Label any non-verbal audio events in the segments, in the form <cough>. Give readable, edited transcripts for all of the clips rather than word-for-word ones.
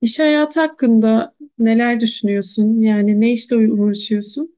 İş hayatı hakkında neler düşünüyorsun? Yani ne işte uğraşıyorsun?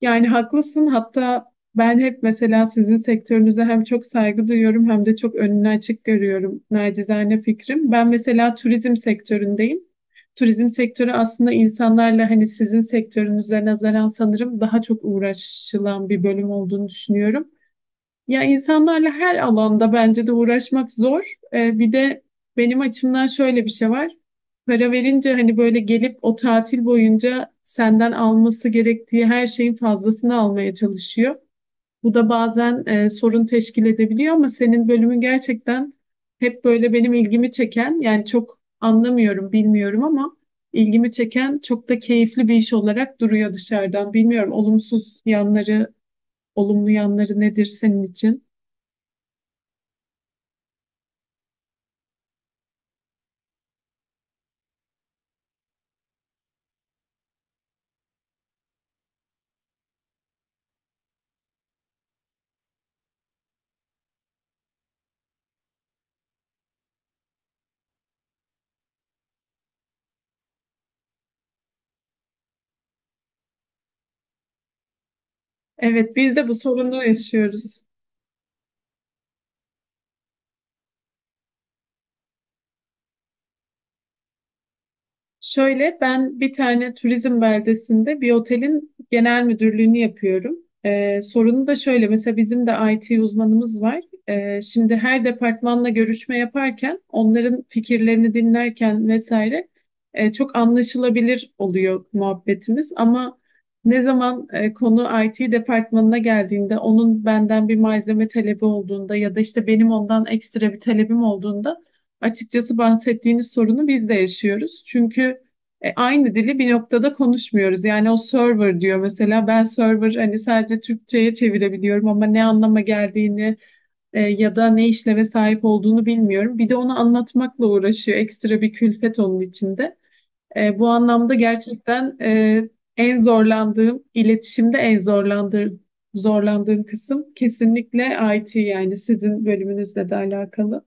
Yani haklısın. Hatta ben hep mesela sizin sektörünüze hem çok saygı duyuyorum hem de çok önünü açık görüyorum. Nacizane fikrim. Ben mesela turizm sektöründeyim. Turizm sektörü aslında insanlarla hani sizin sektörünüze nazaran sanırım daha çok uğraşılan bir bölüm olduğunu düşünüyorum. Ya insanlarla her alanda bence de uğraşmak zor. Bir de benim açımdan şöyle bir şey var. Para verince hani böyle gelip o tatil boyunca senden alması gerektiği her şeyin fazlasını almaya çalışıyor. Bu da bazen sorun teşkil edebiliyor ama senin bölümün gerçekten hep böyle benim ilgimi çeken, yani çok anlamıyorum, bilmiyorum ama ilgimi çeken çok da keyifli bir iş olarak duruyor dışarıdan. Bilmiyorum, olumsuz yanları, olumlu yanları nedir senin için? Evet, biz de bu sorunu yaşıyoruz. Şöyle, ben bir tane turizm beldesinde bir otelin genel müdürlüğünü yapıyorum. Sorunu da şöyle, mesela bizim de IT uzmanımız var. Şimdi her departmanla görüşme yaparken, onların fikirlerini dinlerken vesaire, çok anlaşılabilir oluyor muhabbetimiz. Ama ne zaman konu IT departmanına geldiğinde, onun benden bir malzeme talebi olduğunda ya da işte benim ondan ekstra bir talebim olduğunda, açıkçası bahsettiğiniz sorunu biz de yaşıyoruz. Çünkü aynı dili bir noktada konuşmuyoruz. Yani o server diyor mesela, ben server hani sadece Türkçe'ye çevirebiliyorum ama ne anlama geldiğini, ya da ne işleve sahip olduğunu bilmiyorum. Bir de onu anlatmakla uğraşıyor. Ekstra bir külfet onun içinde. Bu anlamda gerçekten en zorlandığım, iletişimde en zorlandığım kısım kesinlikle IT, yani sizin bölümünüzle de alakalı.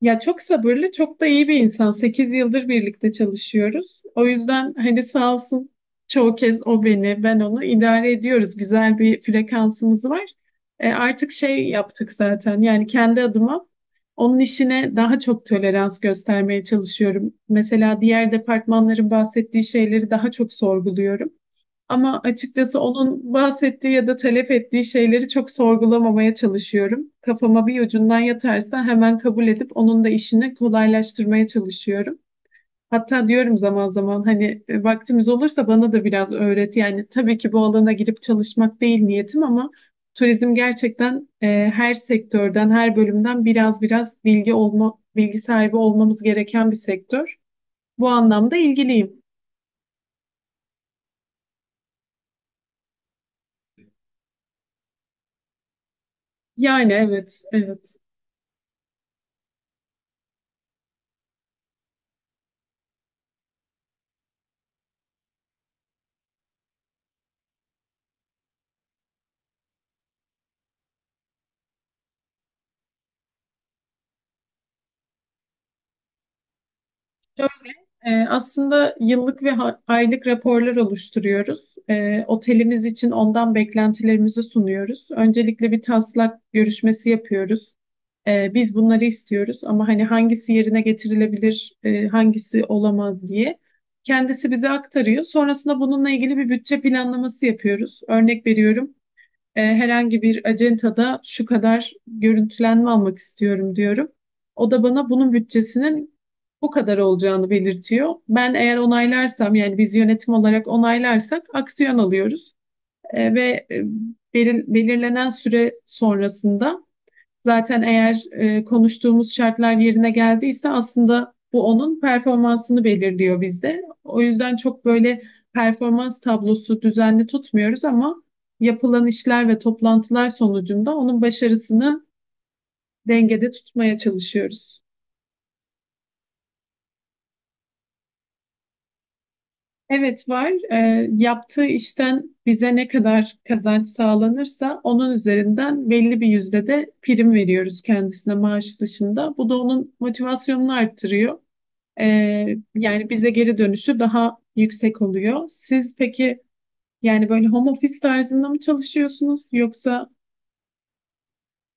Ya çok sabırlı, çok da iyi bir insan. 8 yıldır birlikte çalışıyoruz. O yüzden hani sağ olsun, çoğu kez o beni, ben onu idare ediyoruz. Güzel bir frekansımız var. Artık şey yaptık zaten. Yani kendi adıma onun işine daha çok tolerans göstermeye çalışıyorum. Mesela diğer departmanların bahsettiği şeyleri daha çok sorguluyorum. Ama açıkçası onun bahsettiği ya da talep ettiği şeyleri çok sorgulamamaya çalışıyorum. Kafama bir ucundan yatarsa hemen kabul edip onun da işini kolaylaştırmaya çalışıyorum. Hatta diyorum zaman zaman hani vaktimiz olursa bana da biraz öğret. Yani tabii ki bu alana girip çalışmak değil niyetim ama turizm gerçekten her sektörden, her bölümden biraz biraz bilgi olma, bilgi sahibi olmamız gereken bir sektör. Bu anlamda ilgiliyim. Yani evet, evet. Aslında yıllık ve aylık raporlar oluşturuyoruz. Otelimiz için ondan beklentilerimizi sunuyoruz. Öncelikle bir taslak görüşmesi yapıyoruz. Biz bunları istiyoruz ama hani hangisi yerine getirilebilir, hangisi olamaz diye. Kendisi bize aktarıyor. Sonrasında bununla ilgili bir bütçe planlaması yapıyoruz. Örnek veriyorum. Herhangi bir acentada şu kadar görüntülenme almak istiyorum diyorum. O da bana bunun bütçesinin bu kadar olacağını belirtiyor. Ben eğer onaylarsam, yani biz yönetim olarak onaylarsak aksiyon alıyoruz. Ve belirlenen süre sonrasında, zaten eğer konuştuğumuz şartlar yerine geldiyse, aslında bu onun performansını belirliyor bizde. O yüzden çok böyle performans tablosu düzenli tutmuyoruz ama yapılan işler ve toplantılar sonucunda onun başarısını dengede tutmaya çalışıyoruz. Evet, var. Yaptığı işten bize ne kadar kazanç sağlanırsa onun üzerinden belli bir yüzde de prim veriyoruz kendisine, maaş dışında. Bu da onun motivasyonunu arttırıyor. Yani bize geri dönüşü daha yüksek oluyor. Siz peki yani böyle home office tarzında mı çalışıyorsunuz yoksa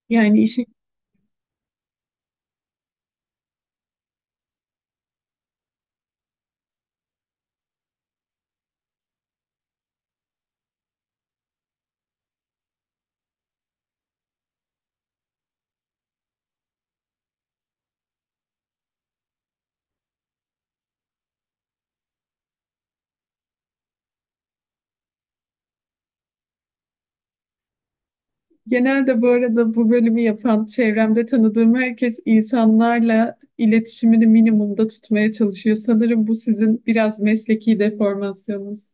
yani işi genelde, bu arada, bu bölümü yapan çevremde tanıdığım herkes insanlarla iletişimini minimumda tutmaya çalışıyor. Sanırım bu sizin biraz mesleki deformasyonunuz.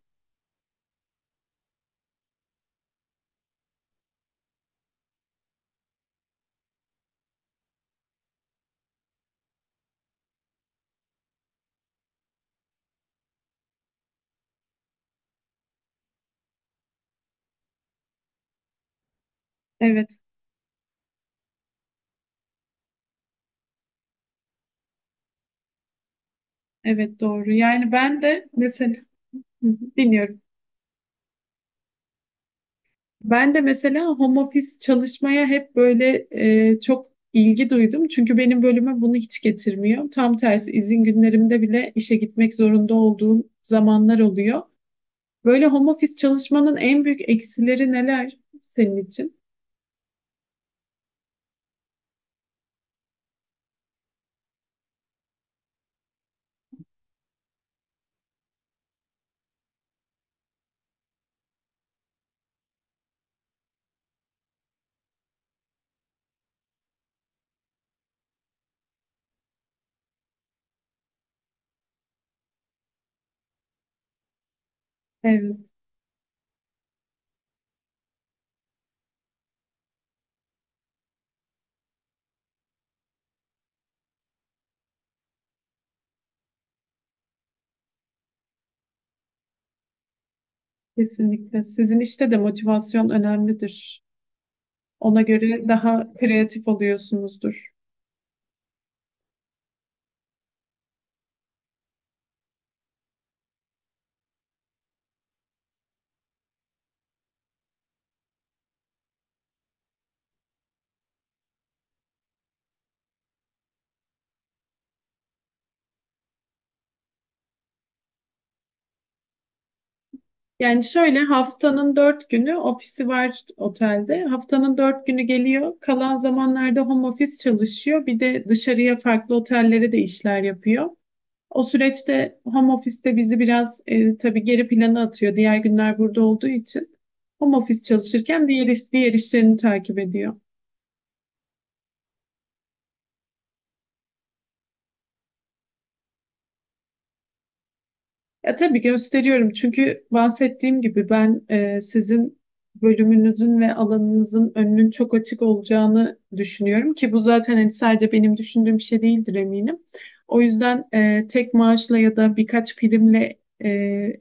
Evet, evet doğru. Yani ben de mesela. Hı hı, dinliyorum. Ben de mesela home office çalışmaya hep böyle çok ilgi duydum. Çünkü benim bölüme bunu hiç getirmiyor. Tam tersi izin günlerimde bile işe gitmek zorunda olduğum zamanlar oluyor. Böyle home office çalışmanın en büyük eksileri neler senin için? Evet, kesinlikle. Sizin işte de motivasyon önemlidir. Ona göre daha kreatif oluyorsunuzdur. Yani şöyle, haftanın dört günü ofisi var otelde. Haftanın dört günü geliyor. Kalan zamanlarda home office çalışıyor. Bir de dışarıya farklı otellere de işler yapıyor. O süreçte home office'te bizi biraz tabii geri plana atıyor. Diğer günler burada olduğu için. Home office çalışırken diğer işlerini takip ediyor. Ya tabii gösteriyorum çünkü bahsettiğim gibi ben, sizin bölümünüzün ve alanınızın önünün çok açık olacağını düşünüyorum ki bu zaten hani sadece benim düşündüğüm bir şey değildir eminim. O yüzden tek maaşla ya da birkaç primle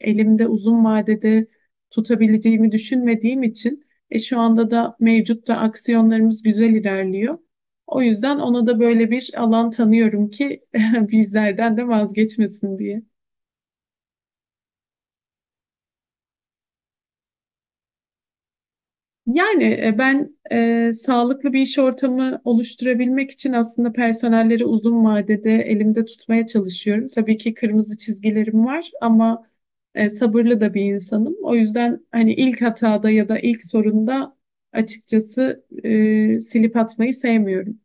elimde uzun vadede tutabileceğimi düşünmediğim için, şu anda da mevcut da aksiyonlarımız güzel ilerliyor. O yüzden ona da böyle bir alan tanıyorum ki <laughs> bizlerden de vazgeçmesin diye. Yani ben, sağlıklı bir iş ortamı oluşturabilmek için aslında personelleri uzun vadede elimde tutmaya çalışıyorum. Tabii ki kırmızı çizgilerim var ama sabırlı da bir insanım. O yüzden hani ilk hatada ya da ilk sorunda açıkçası silip atmayı sevmiyorum.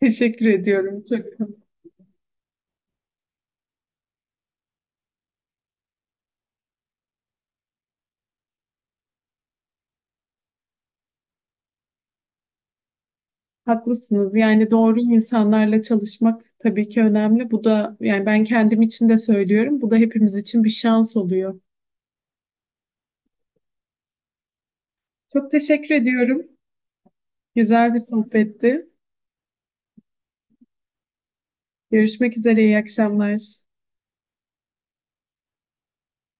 Teşekkür ediyorum. Çok haklısınız. Yani doğru insanlarla çalışmak tabii ki önemli. Bu da, yani ben kendim için de söylüyorum, bu da hepimiz için bir şans oluyor. Çok teşekkür ediyorum. Güzel bir sohbetti. Görüşmek üzere. İyi akşamlar.